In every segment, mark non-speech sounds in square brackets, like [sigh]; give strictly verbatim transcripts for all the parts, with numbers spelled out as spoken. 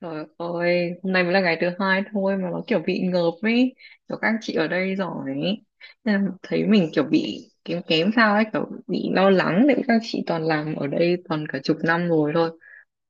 Trời ơi, hôm nay mới là ngày thứ hai thôi mà nó kiểu bị ngợp ấy, kiểu các chị ở đây giỏi ấy. Nên là thấy mình kiểu bị kém kém sao ấy, kiểu bị lo lắng đấy, các chị toàn làm ở đây toàn cả chục năm rồi thôi.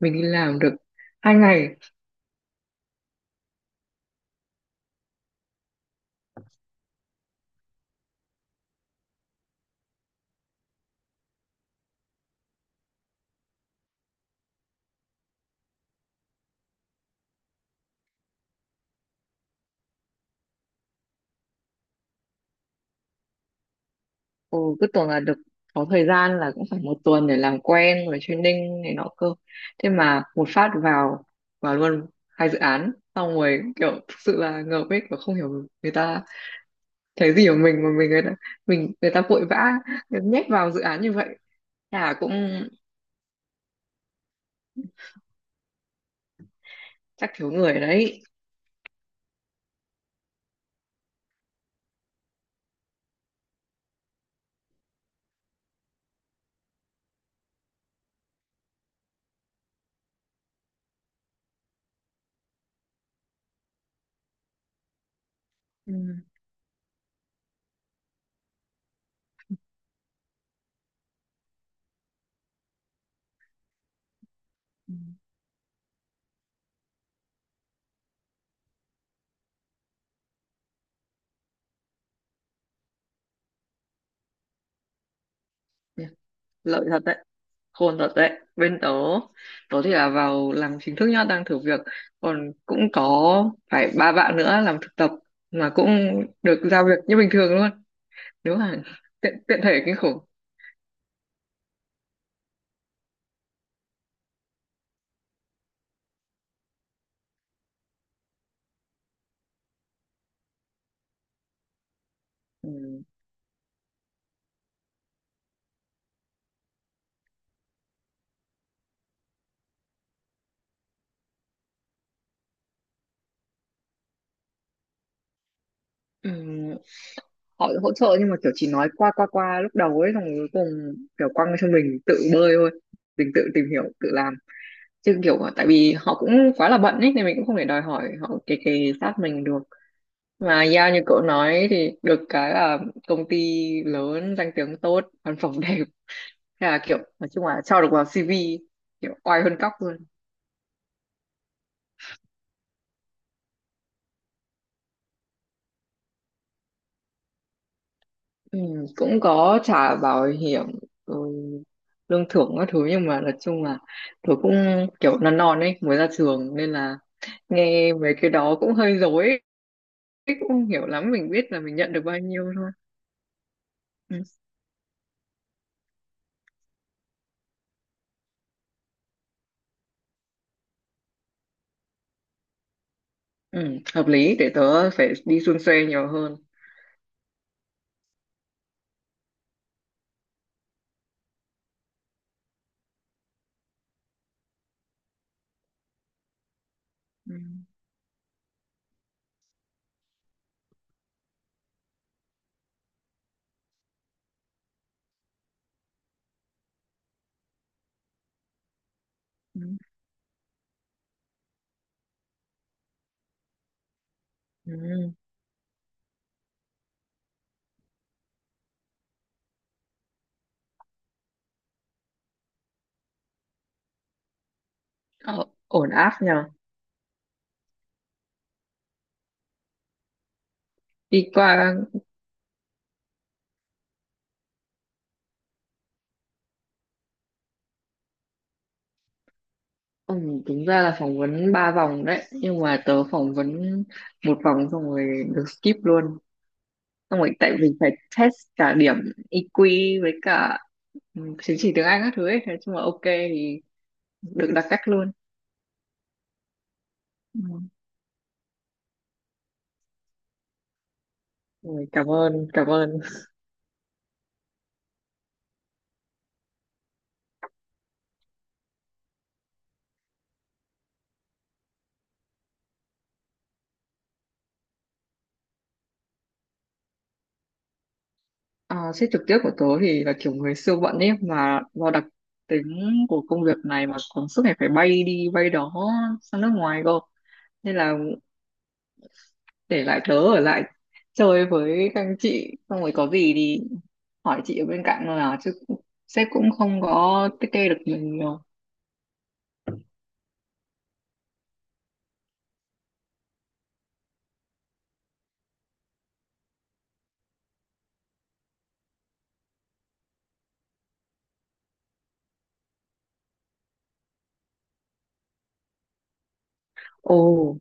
Mình đi làm được hai ngày, ừ, cứ tưởng là được có thời gian là cũng phải một tuần để làm quen rồi training này nọ cơ. Thế mà một phát vào vào luôn hai dự án, xong rồi kiểu thực sự là ngợp ấy, kiểu không hiểu người ta cái gì của mình mà mình người ta mình người ta vội vã nhét vào dự án như vậy. Nhà cũng chắc thiếu người đấy. Ừ. Ừ. Nhỉ, lợi thật đấy, khôn thật đấy. Bên tớ tớ thì là vào làm chính thức nhá, đang thử việc, còn cũng có phải ba bạn nữa làm thực tập mà cũng được giao việc như bình thường luôn. Nếu mà tiện tiện thể kinh khủng. Ừ. Ừm, họ hỗ trợ nhưng mà kiểu chỉ nói qua qua qua lúc đầu ấy, xong rồi cuối cùng kiểu quăng cho mình tự bơi thôi, mình tự tìm hiểu tự làm, chứ kiểu tại vì họ cũng quá là bận ấy nên mình cũng không thể đòi hỏi họ kề kề sát mình được. Mà yeah, như cậu nói thì được cái là công ty lớn, danh tiếng tốt, văn phòng [laughs] đẹp. Thế là kiểu nói chung là cho được vào xi vi, kiểu oai hơn cóc luôn. Ừ, cũng có trả bảo hiểm, ừ, lương thưởng các thứ, nhưng mà nói chung là tôi cũng kiểu non non ấy, mới ra trường nên là nghe mấy cái đó cũng hơi rối ấy, cũng không hiểu lắm, mình biết là mình nhận được bao nhiêu thôi. Ừ, ừ, hợp lý, để tớ phải đi suôn xuê nhiều hơn. Ừ, ừ, ừ. Ờ, ổn áp nhờ. Đi qua. Ừ, đúng ra là phỏng vấn ba vòng đấy nhưng mà tớ phỏng vấn một vòng xong rồi được skip luôn. Xong rồi tại vì phải test cả điểm e kiu với cả, ừ, chứng chỉ tiếng Anh các thứ ấy, thế chung là ok thì được đặc cách luôn. Ừ. Ôi, cảm ơn cảm ơn. À, sếp trực tiếp của tớ thì là kiểu người siêu bận ấy, mà do đặc tính của công việc này mà còn suốt ngày phải bay đi bay đó, sang nước ngoài cơ, nên là để lại tớ ở lại chơi với các anh chị, xong rồi có gì thì hỏi chị ở bên cạnh thôi, à chứ sếp cũng không có tiết kê được mình nhiều. Ồ.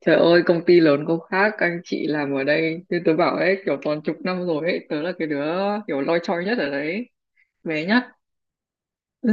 Trời ơi, công ty lớn có khác, anh chị làm ở đây như tớ bảo ấy, kiểu toàn chục năm rồi ấy. Tớ là cái đứa kiểu loi choi nhất ở đấy. Bé nhất. Ừ,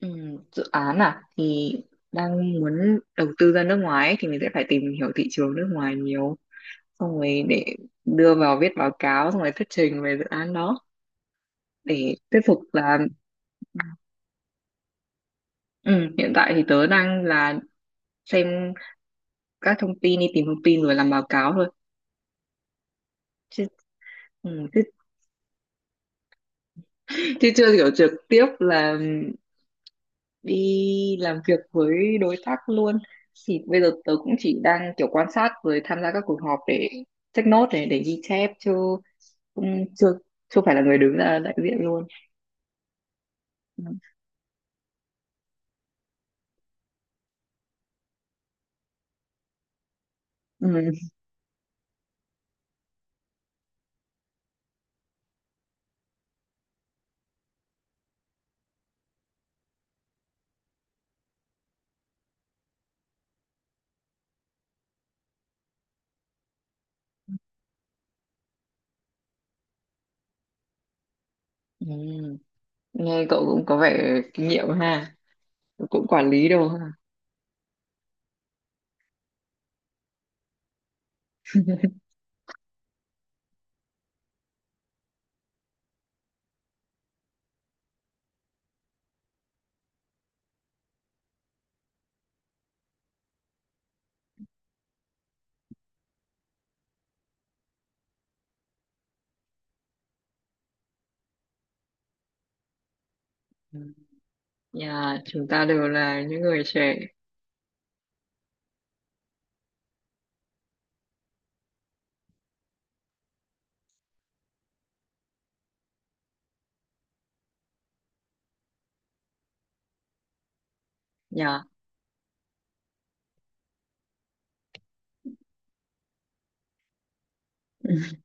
ừ, dự án à? Thì đang muốn đầu tư ra nước ngoài ấy, thì mình sẽ phải tìm hiểu thị trường nước ngoài nhiều. Xong rồi để đưa vào viết báo cáo, xong rồi thuyết trình về dự án đó. Để thuyết phục là, ừ, hiện tại thì tớ đang là xem các thông tin, đi tìm thông tin rồi làm báo cáo thôi. Chứ, ừ, chứ, chứ chưa hiểu trực tiếp là đi làm việc với đối tác luôn, thì bây giờ tớ cũng chỉ đang kiểu quan sát rồi tham gia các cuộc họp để check note này, để ghi chép, chứ cũng chưa chưa phải là người đứng ra đại diện luôn. Ừ. Ừ. Ừ. Nghe cậu cũng có vẻ kinh nghiệm ha, cũng quản lý đâu ha. Ừ. Nhà chúng ta đều là những người trẻ. Nhà. Ừ. [laughs]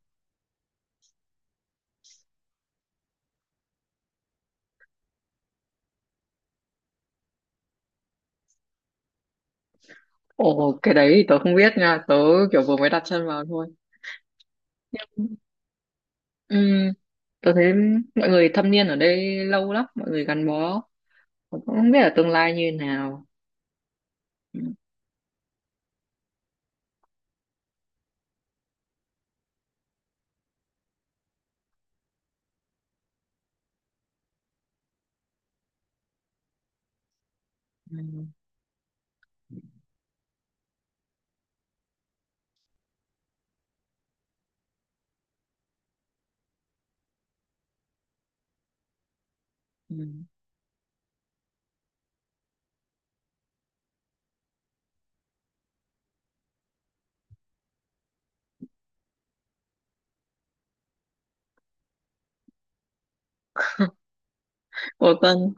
Ồ, cái đấy thì tớ không biết nha, tớ kiểu vừa mới đặt chân vào thôi. Ừ, tôi thấy mọi người thâm niên ở đây lâu lắm, mọi người gắn bó. Mà cũng không biết ở tương lai như nào. Ừ, ừ, ừ. Ủa Tân,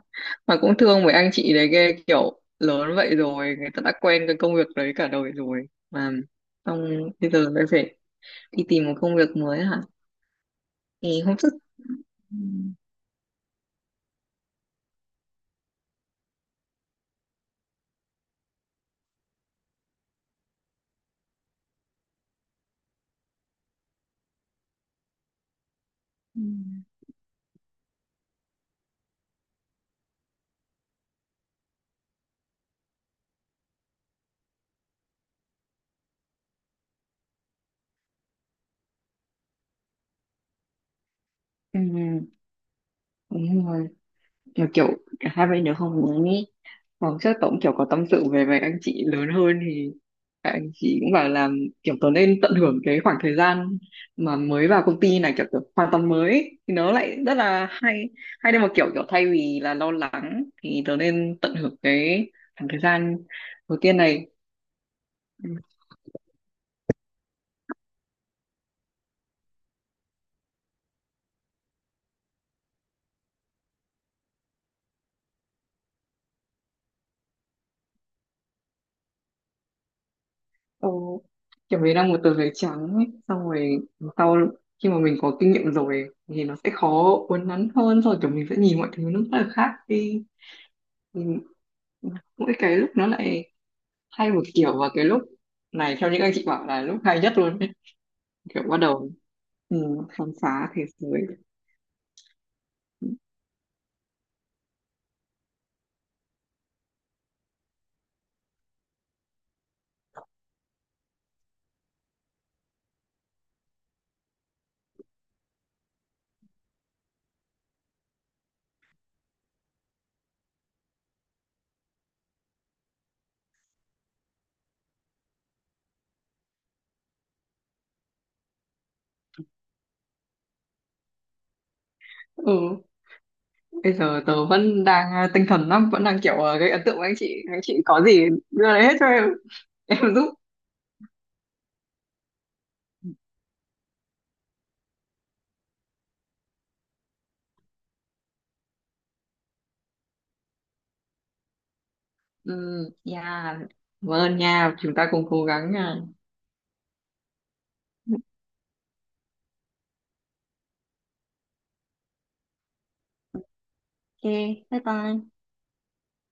mà cũng thương mấy anh chị đấy ghê, kiểu lớn vậy rồi người ta đã quen cái công việc đấy cả đời rồi mà, xong bây giờ lại phải đi tìm một công việc mới hả, thì không sức. Ừ, ừ, ừ. Đúng rồi, mà kiểu cả hai bên đều không muốn ý. Hoặc chắc tớ kiểu có tâm sự về với anh chị lớn hơn thì các anh chị cũng bảo là kiểu tớ nên tận hưởng cái khoảng thời gian mà mới vào công ty này, kiểu, kiểu hoàn toàn mới ấy, thì nó lại rất là hay, hay đến một kiểu, kiểu thay vì là lo lắng thì tớ nên tận hưởng cái khoảng thời gian đầu tiên này. Ừ. Ồ, kiểu mình đang một tờ giấy trắng ấy, xong rồi sau khi mà mình có kinh nghiệm rồi thì nó sẽ khó uốn nắn hơn, rồi kiểu mình sẽ nhìn mọi thứ nó rất là khác đi. Mình- mỗi cái lúc nó lại hay một kiểu, và cái lúc này theo những anh chị bảo là lúc hay nhất luôn ấy. Kiểu bắt đầu, ừ, khám phá thế giới. Ừ, bây giờ tớ vẫn đang, à, tinh thần lắm, vẫn đang kiểu, à, gây ấn tượng với anh chị, anh chị có gì đưa lấy hết cho em, [laughs] em giúp. Ừ, yeah, vâng nha, chúng ta cùng cố gắng nha. Ok, bye bye.